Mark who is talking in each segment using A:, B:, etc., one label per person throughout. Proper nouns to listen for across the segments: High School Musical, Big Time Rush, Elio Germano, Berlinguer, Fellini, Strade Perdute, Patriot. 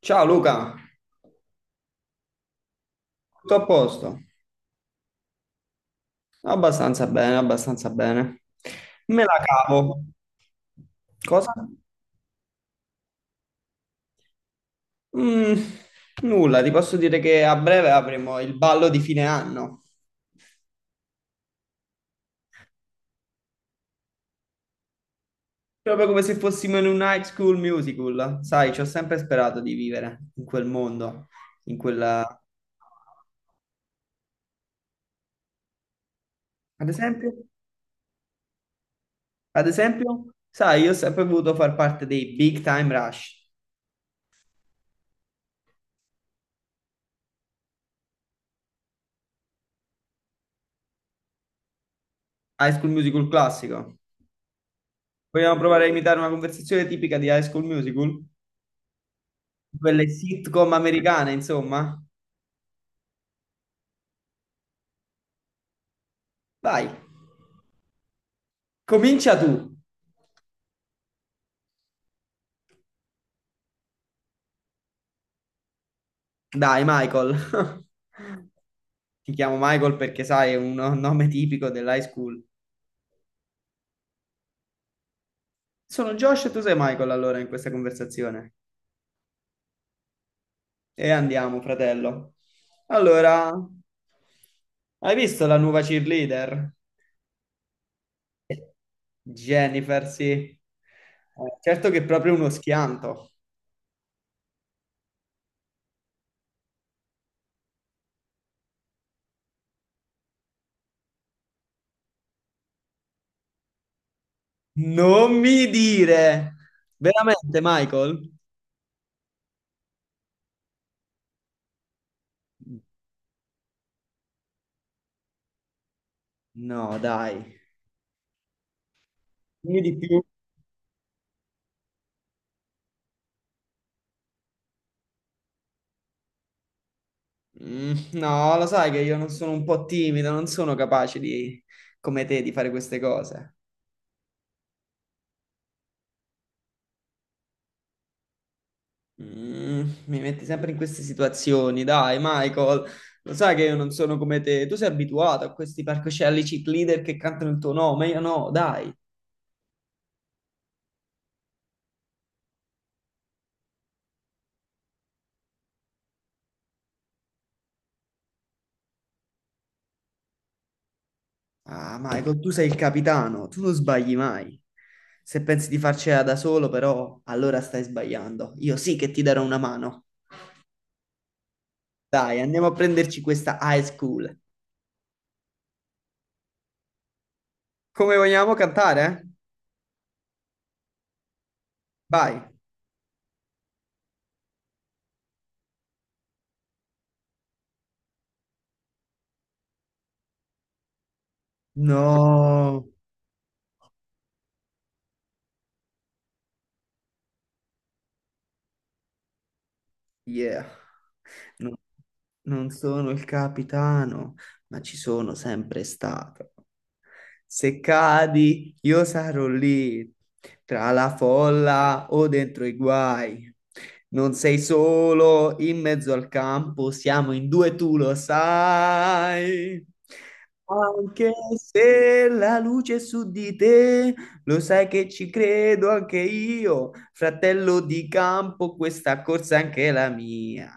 A: Ciao Luca, tutto a posto? Abbastanza bene, abbastanza bene. Me la cavo. Cosa? Mm, nulla, ti posso dire che a breve avremo il ballo di fine anno. Proprio come se fossimo in un High School Musical. Sai, ci ho sempre sperato di vivere in quel mondo, in quella. Ad esempio? Ad esempio? Sai, io ho sempre voluto far parte dei Big Time Rush, High School Musical classico. Vogliamo provare a imitare una conversazione tipica di High School Musical? Quelle sitcom americane, insomma. Vai, comincia tu. Dai, Michael. Ti chiamo Michael perché sai, è un nome tipico dell'high school. Sono Josh e tu sei Michael allora in questa conversazione. E andiamo, fratello. Allora, hai visto la nuova cheerleader? Jennifer, sì. Certo che è proprio uno schianto. Non mi dire! Veramente, Michael? No, dai. Io di più. No, lo sai che io non sono un po' timido, non sono capace di, come te, di fare queste cose. Mi metti sempre in queste situazioni, dai, Michael. Lo sai che io non sono come te. Tu sei abituato a questi palcoscenici leader che cantano il tuo nome, io no, dai. Ah, Michael, tu sei il capitano, tu non sbagli mai. Se pensi di farcela da solo, però, allora stai sbagliando. Io sì che ti darò una mano. Dai, andiamo a prenderci questa high school. Come vogliamo cantare, eh? Vai. No. Yeah. No. Non sono il capitano, ma ci sono sempre stato. Se cadi, io sarò lì, tra la folla o dentro i guai. Non sei solo in mezzo al campo, siamo in due, tu lo sai. Anche se la luce è su di te, lo sai che ci credo anche io, fratello di campo, questa corsa è anche la mia.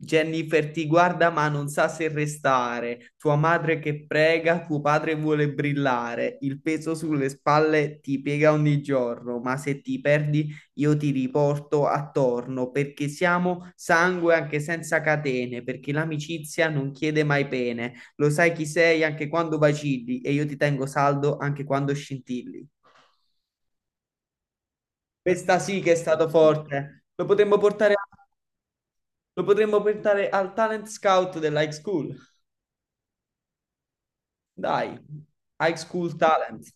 A: Jennifer ti guarda ma non sa se restare. Tua madre che prega, tuo padre vuole brillare. Il peso sulle spalle ti piega ogni giorno, ma se ti perdi io ti riporto attorno, perché siamo sangue anche senza catene, perché l'amicizia non chiede mai pene. Lo sai chi sei anche quando vacilli e io ti tengo saldo anche quando scintilli. Questa sì che è stato forte. Lo potremmo portare al talent scout della high school. Dai, High School Talent,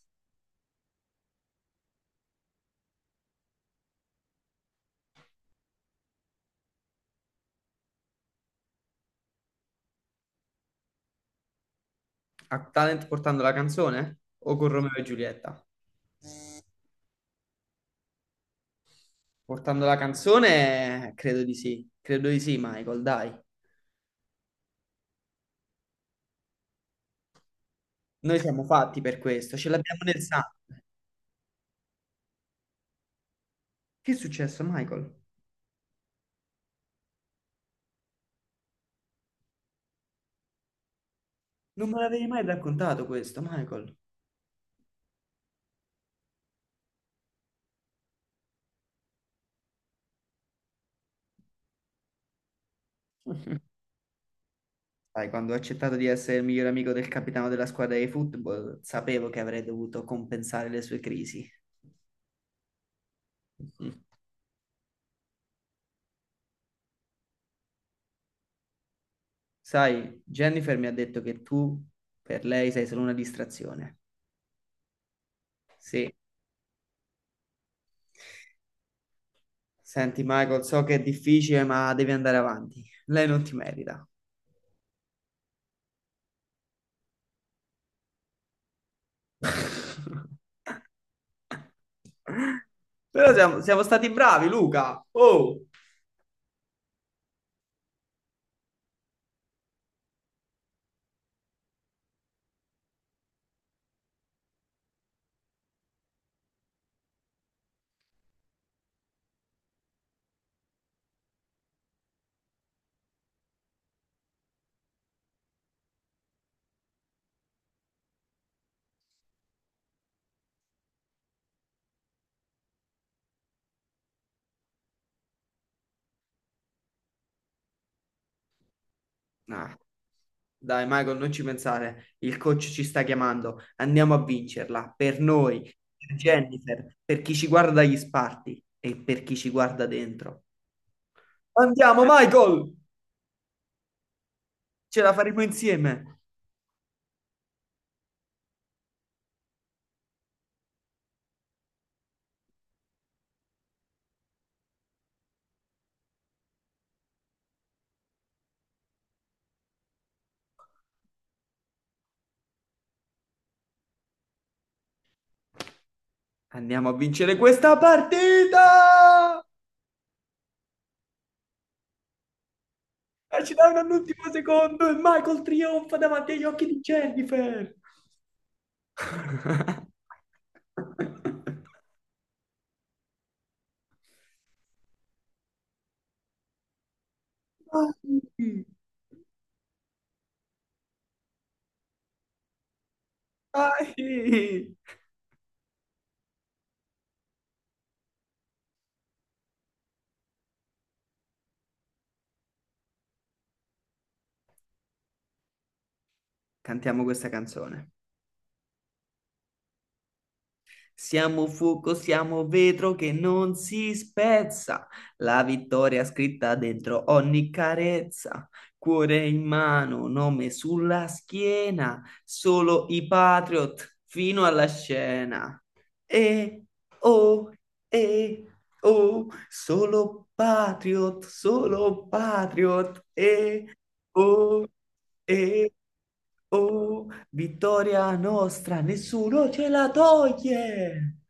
A: a Talent portando la canzone o con Romeo e Giulietta? Portando la canzone, credo di sì, Michael, dai. Noi siamo fatti per questo, ce l'abbiamo nel sangue. Che è successo, Michael? Non me l'avevi mai raccontato questo, Michael. Sai, quando ho accettato di essere il miglior amico del capitano della squadra di football, sapevo che avrei dovuto compensare le sue crisi. Sai, Jennifer mi ha detto che tu per lei sei solo una distrazione. Sì, senti, Michael, so che è difficile, ma devi andare avanti. Lei non ti merita. Però siamo stati bravi, Luca. Oh! Ah, dai, Michael, non ci pensare. Il coach ci sta chiamando. Andiamo a vincerla. Per noi, per Jennifer, per chi ci guarda dagli sparti e per chi ci guarda dentro. Andiamo, Michael! Ce la faremo insieme. Andiamo a vincere questa partita! E ci danno all'ultimo secondo e Michael trionfa davanti agli occhi di Jennifer. Dai, dai. Cantiamo questa canzone. Siamo fuoco, siamo vetro che non si spezza. La vittoria scritta dentro ogni carezza. Cuore in mano, nome sulla schiena. Solo i Patriot fino alla scena. E oh, e oh, solo Patriot, solo Patriot. E oh, eh, oh, vittoria nostra, nessuno ce la toglie.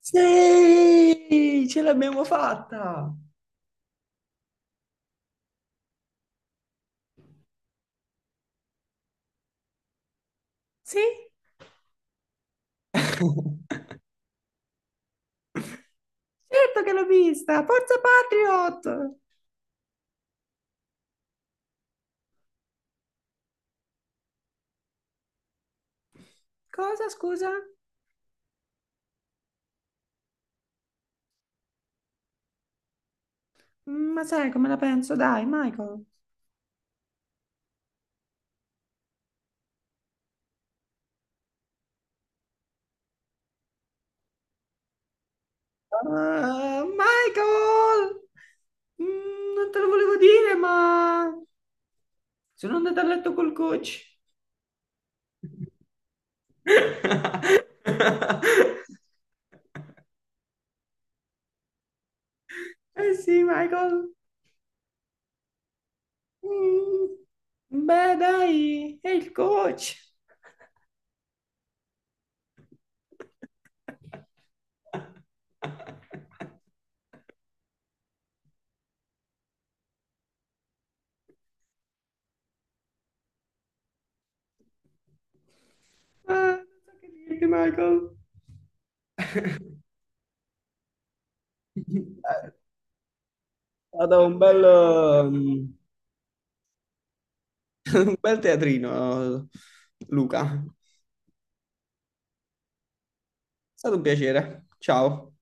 A: Sì, ce l'abbiamo fatta. Sì? Certo che l'ho vista, forza Patriot. Cosa, scusa? Ma sai come la penso? Dai, Michael. Ah, Michael, non te lo volevo dire, ma sono andata a letto col coach. Eh sì, Michael. Mm. Beh, dai, è il coach. Non so che dirti, Michael. Eh, stato un bel teatrino, Luca. È stato un piacere. Ciao.